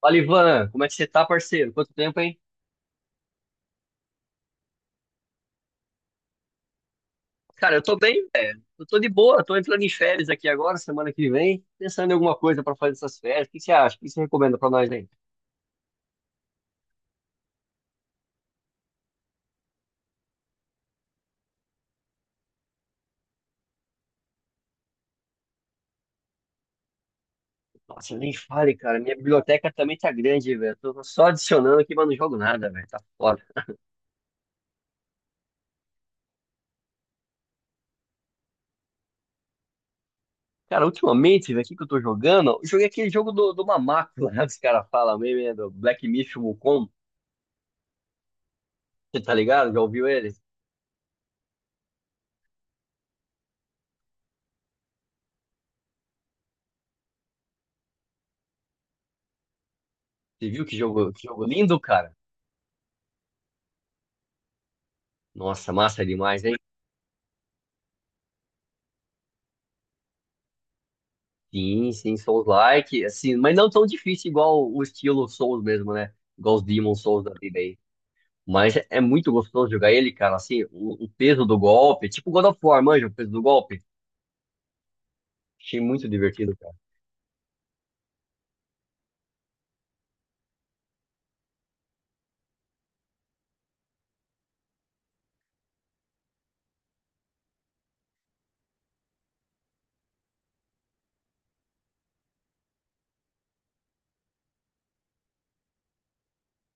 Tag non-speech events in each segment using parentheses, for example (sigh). Fala, Ivan, como é que você tá, parceiro? Quanto tempo, hein? Cara, eu tô bem, velho. Eu tô de boa, tô entrando em férias aqui agora, semana que vem, pensando em alguma coisa pra fazer essas férias. O que você acha? O que você recomenda pra nós aí? Nossa, nem fale, cara. Minha biblioteca também tá grande, velho. Tô só adicionando aqui, mas não jogo nada, velho. Tá foda. Cara, ultimamente, velho, o que que eu tô jogando? Eu joguei aquele jogo do Mamaco, (laughs) lá, os caras falam mesmo, né? Do Black Myth Wukong. Você tá ligado? Já ouviu ele? Você viu que jogo lindo, cara? Nossa, massa demais, hein? Sim, sim, Souls-like, assim, mas não tão difícil igual o estilo Souls mesmo, né? Igual os Demon Souls da vida aí. Mas é muito gostoso jogar ele, cara, assim, o peso do golpe, tipo God of War, manja, o peso do golpe. Achei muito divertido, cara.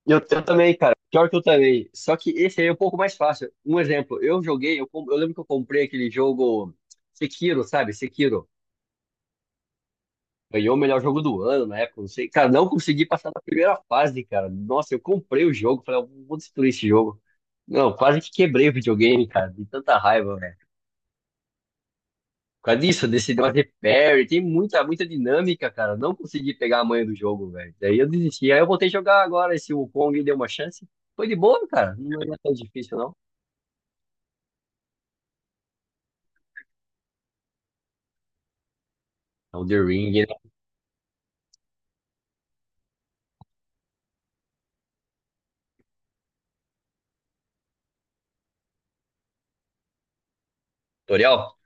Eu também, cara, pior que eu também. Só que esse aí é um pouco mais fácil. Um exemplo, eu joguei, eu lembro que eu comprei aquele jogo Sekiro, sabe? Sekiro. Ganhou o melhor jogo do ano na época, não sei. Cara, não consegui passar da primeira fase, cara. Nossa, eu comprei o jogo, falei, eu vou destruir esse jogo. Não, quase que quebrei o videogame, cara, de tanta raiva, velho. Por causa disso, desse negócio de repair, tem muita dinâmica, cara. Não consegui pegar a manha do jogo, velho. Daí eu desisti. Aí eu voltei a jogar agora esse Wukong e deu uma chance. Foi de boa, cara. Não é tão difícil, não. É o The Ring, né? Tutorial?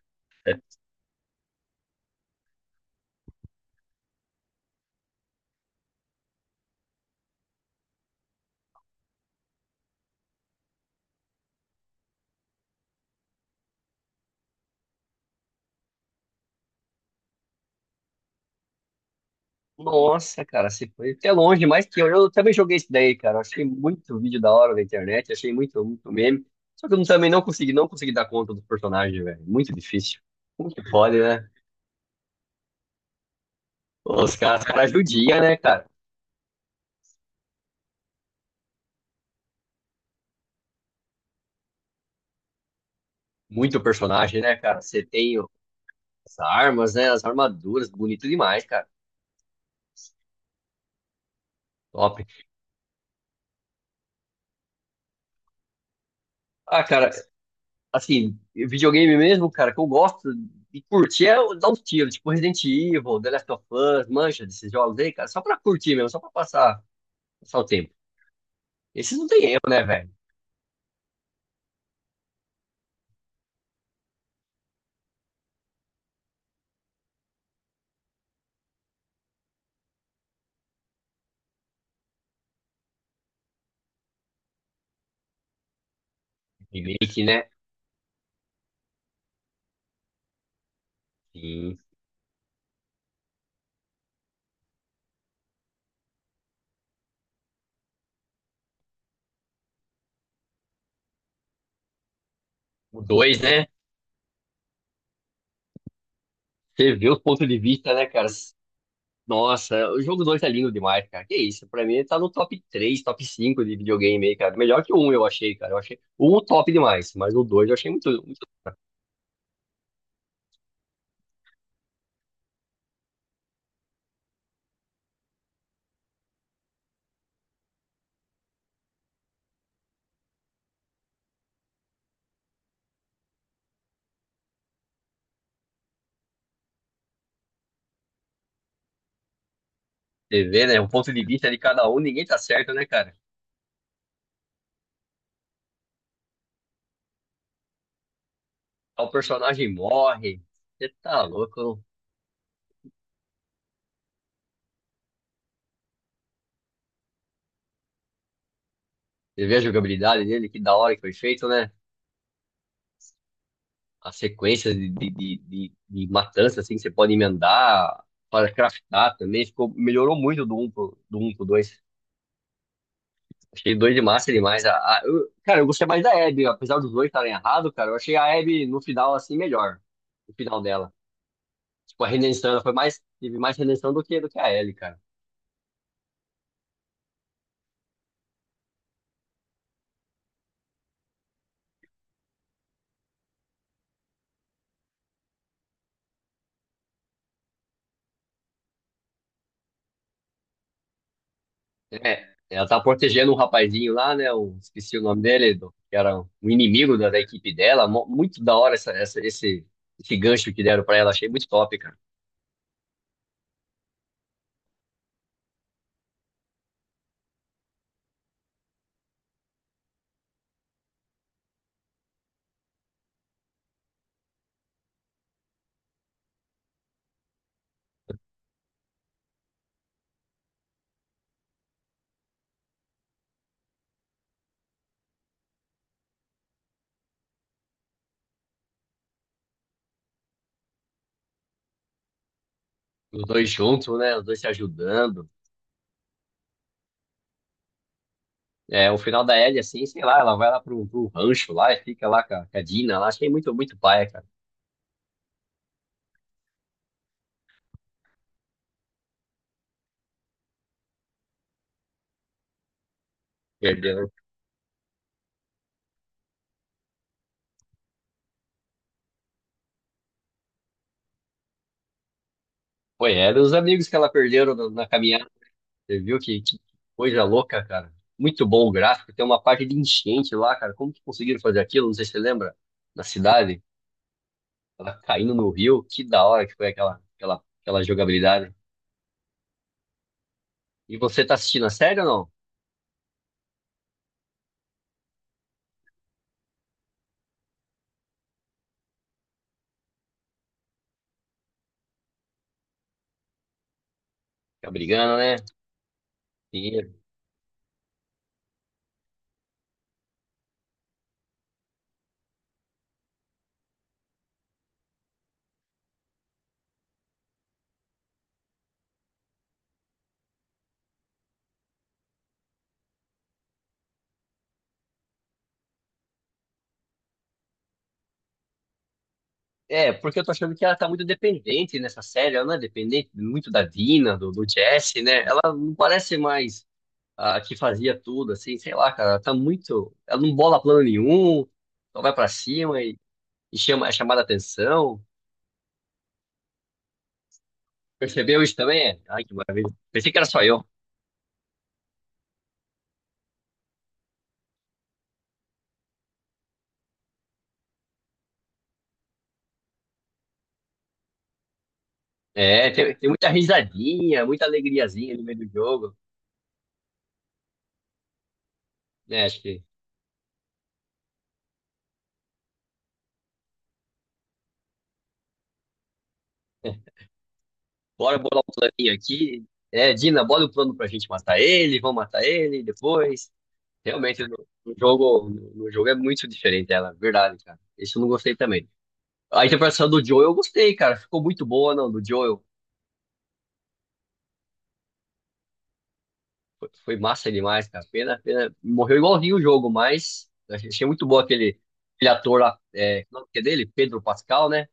Nossa, cara, você foi até longe, mais que eu. Eu também joguei isso daí, cara. Eu achei muito vídeo da hora na internet, achei muito, muito meme. Só que eu também não consegui, não consegui dar conta dos personagens, velho. Muito difícil. Como que pode, né? Os caras judiam, né, cara? Muito personagem, né, cara? Você tem as armas, né? As armaduras, bonito demais, cara. Top. Ah, cara, assim, videogame mesmo, cara, que eu gosto de curtir é dar uns tiros, tipo Resident Evil, The Last of Us, mancha desses jogos aí, cara, só pra curtir mesmo, só pra passar. Passar o tempo. Esses não tem erro, né, velho? Remake, né? Sim. O dois né? Você vê os pontos de vista, né, cara? Nossa, o jogo 2 tá lindo demais, cara. Que isso? Pra mim, ele tá no top 3 top 5 de videogame aí, cara. Melhor que o 1, eu achei, cara. Eu achei o 1 top demais, mas o 2 eu achei muito, muito... Você vê, né? O ponto de vista de cada um, ninguém tá certo, né, cara? O personagem morre. Você tá louco. Você vê a jogabilidade dele, que da hora que foi feito, né? A sequência de matança, assim, que você pode emendar para craftar também. Ficou, melhorou muito do um pro dois. Achei dois de massa demais. Cara, eu gostei mais da Abby, apesar dos dois estarem errados, cara. Eu achei a Abby no final, assim, melhor. No final dela. Tipo, a redenção, ela foi mais, teve mais redenção do que a Ellie, cara. É, ela tá protegendo um rapazinho lá, né? Eu esqueci o nome dele, que era um inimigo da equipe dela. Muito da hora esse gancho que deram pra ela. Achei muito top, cara. Os dois juntos, né? Os dois se ajudando. É, o final da Ellie, assim, sei lá, ela vai lá pro rancho lá e fica lá com com a Dina lá. Achei muito, muito paia, cara. Perdeu, né? Foi, é, eram os amigos que ela perderam na caminhada. Você viu que coisa louca, cara. Muito bom o gráfico. Tem uma parte de enchente lá, cara. Como que conseguiram fazer aquilo? Não sei se você lembra. Na cidade, ela caindo no rio. Que da hora que foi aquela jogabilidade. E você tá assistindo a série ou não? Tá brigando, né? Sim, é, porque eu tô achando que ela tá muito dependente nessa série. Ela não é dependente muito da Dina, do Jesse, né? Ela não parece mais a que fazia tudo, assim, sei lá, cara. Ela tá muito. Ela não bola plano nenhum, só vai pra cima e chama, é chamada atenção. Percebeu isso também? É, ai, que maravilha. Pensei que era só eu. É, tem, tem muita risadinha, muita alegriazinha no meio do jogo, né? Acho que bora bolar um planinho aqui. É, Dina, bola o plano pra gente matar ele, vamos matar ele depois. Realmente, no jogo, no jogo é muito diferente ela, verdade, cara. Isso eu não gostei também. A interpretação do Joel eu gostei, cara. Ficou muito boa, não, do Joel. Foi, foi massa demais, cara. Pena, pena. Morreu igualzinho o jogo, mas achei achei muito bom aquele, aquele ator lá, é, como é que é dele? Pedro Pascal, né?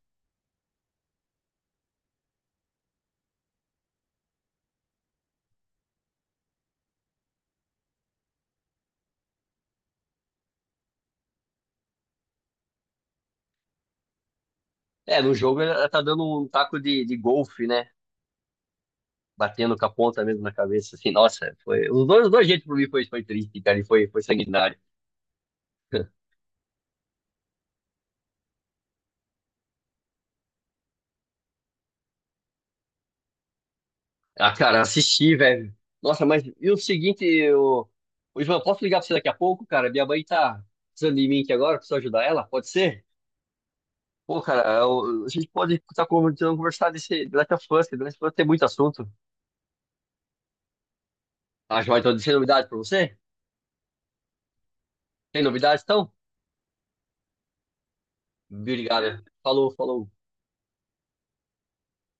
É, no jogo ela tá dando um taco de golfe, né? Batendo com a ponta mesmo na cabeça, assim, nossa, foi. Os dois jeitos pra mim foi, foi triste, cara, e foi, foi sanguinário. (laughs) Ah, cara, assisti, velho. Nossa, mas e o seguinte, eu... Ô, Ivan, posso ligar pra você daqui a pouco, cara? Minha mãe tá precisando de mim aqui agora, preciso ajudar ela, pode ser? Pô, cara, a gente pode estar comentando, conversar desse The Last of Us, que The Last of Us tem muito assunto. Ah, joia, então, tem novidade pra você? Tem novidade, então? Obrigado. Falou, falou.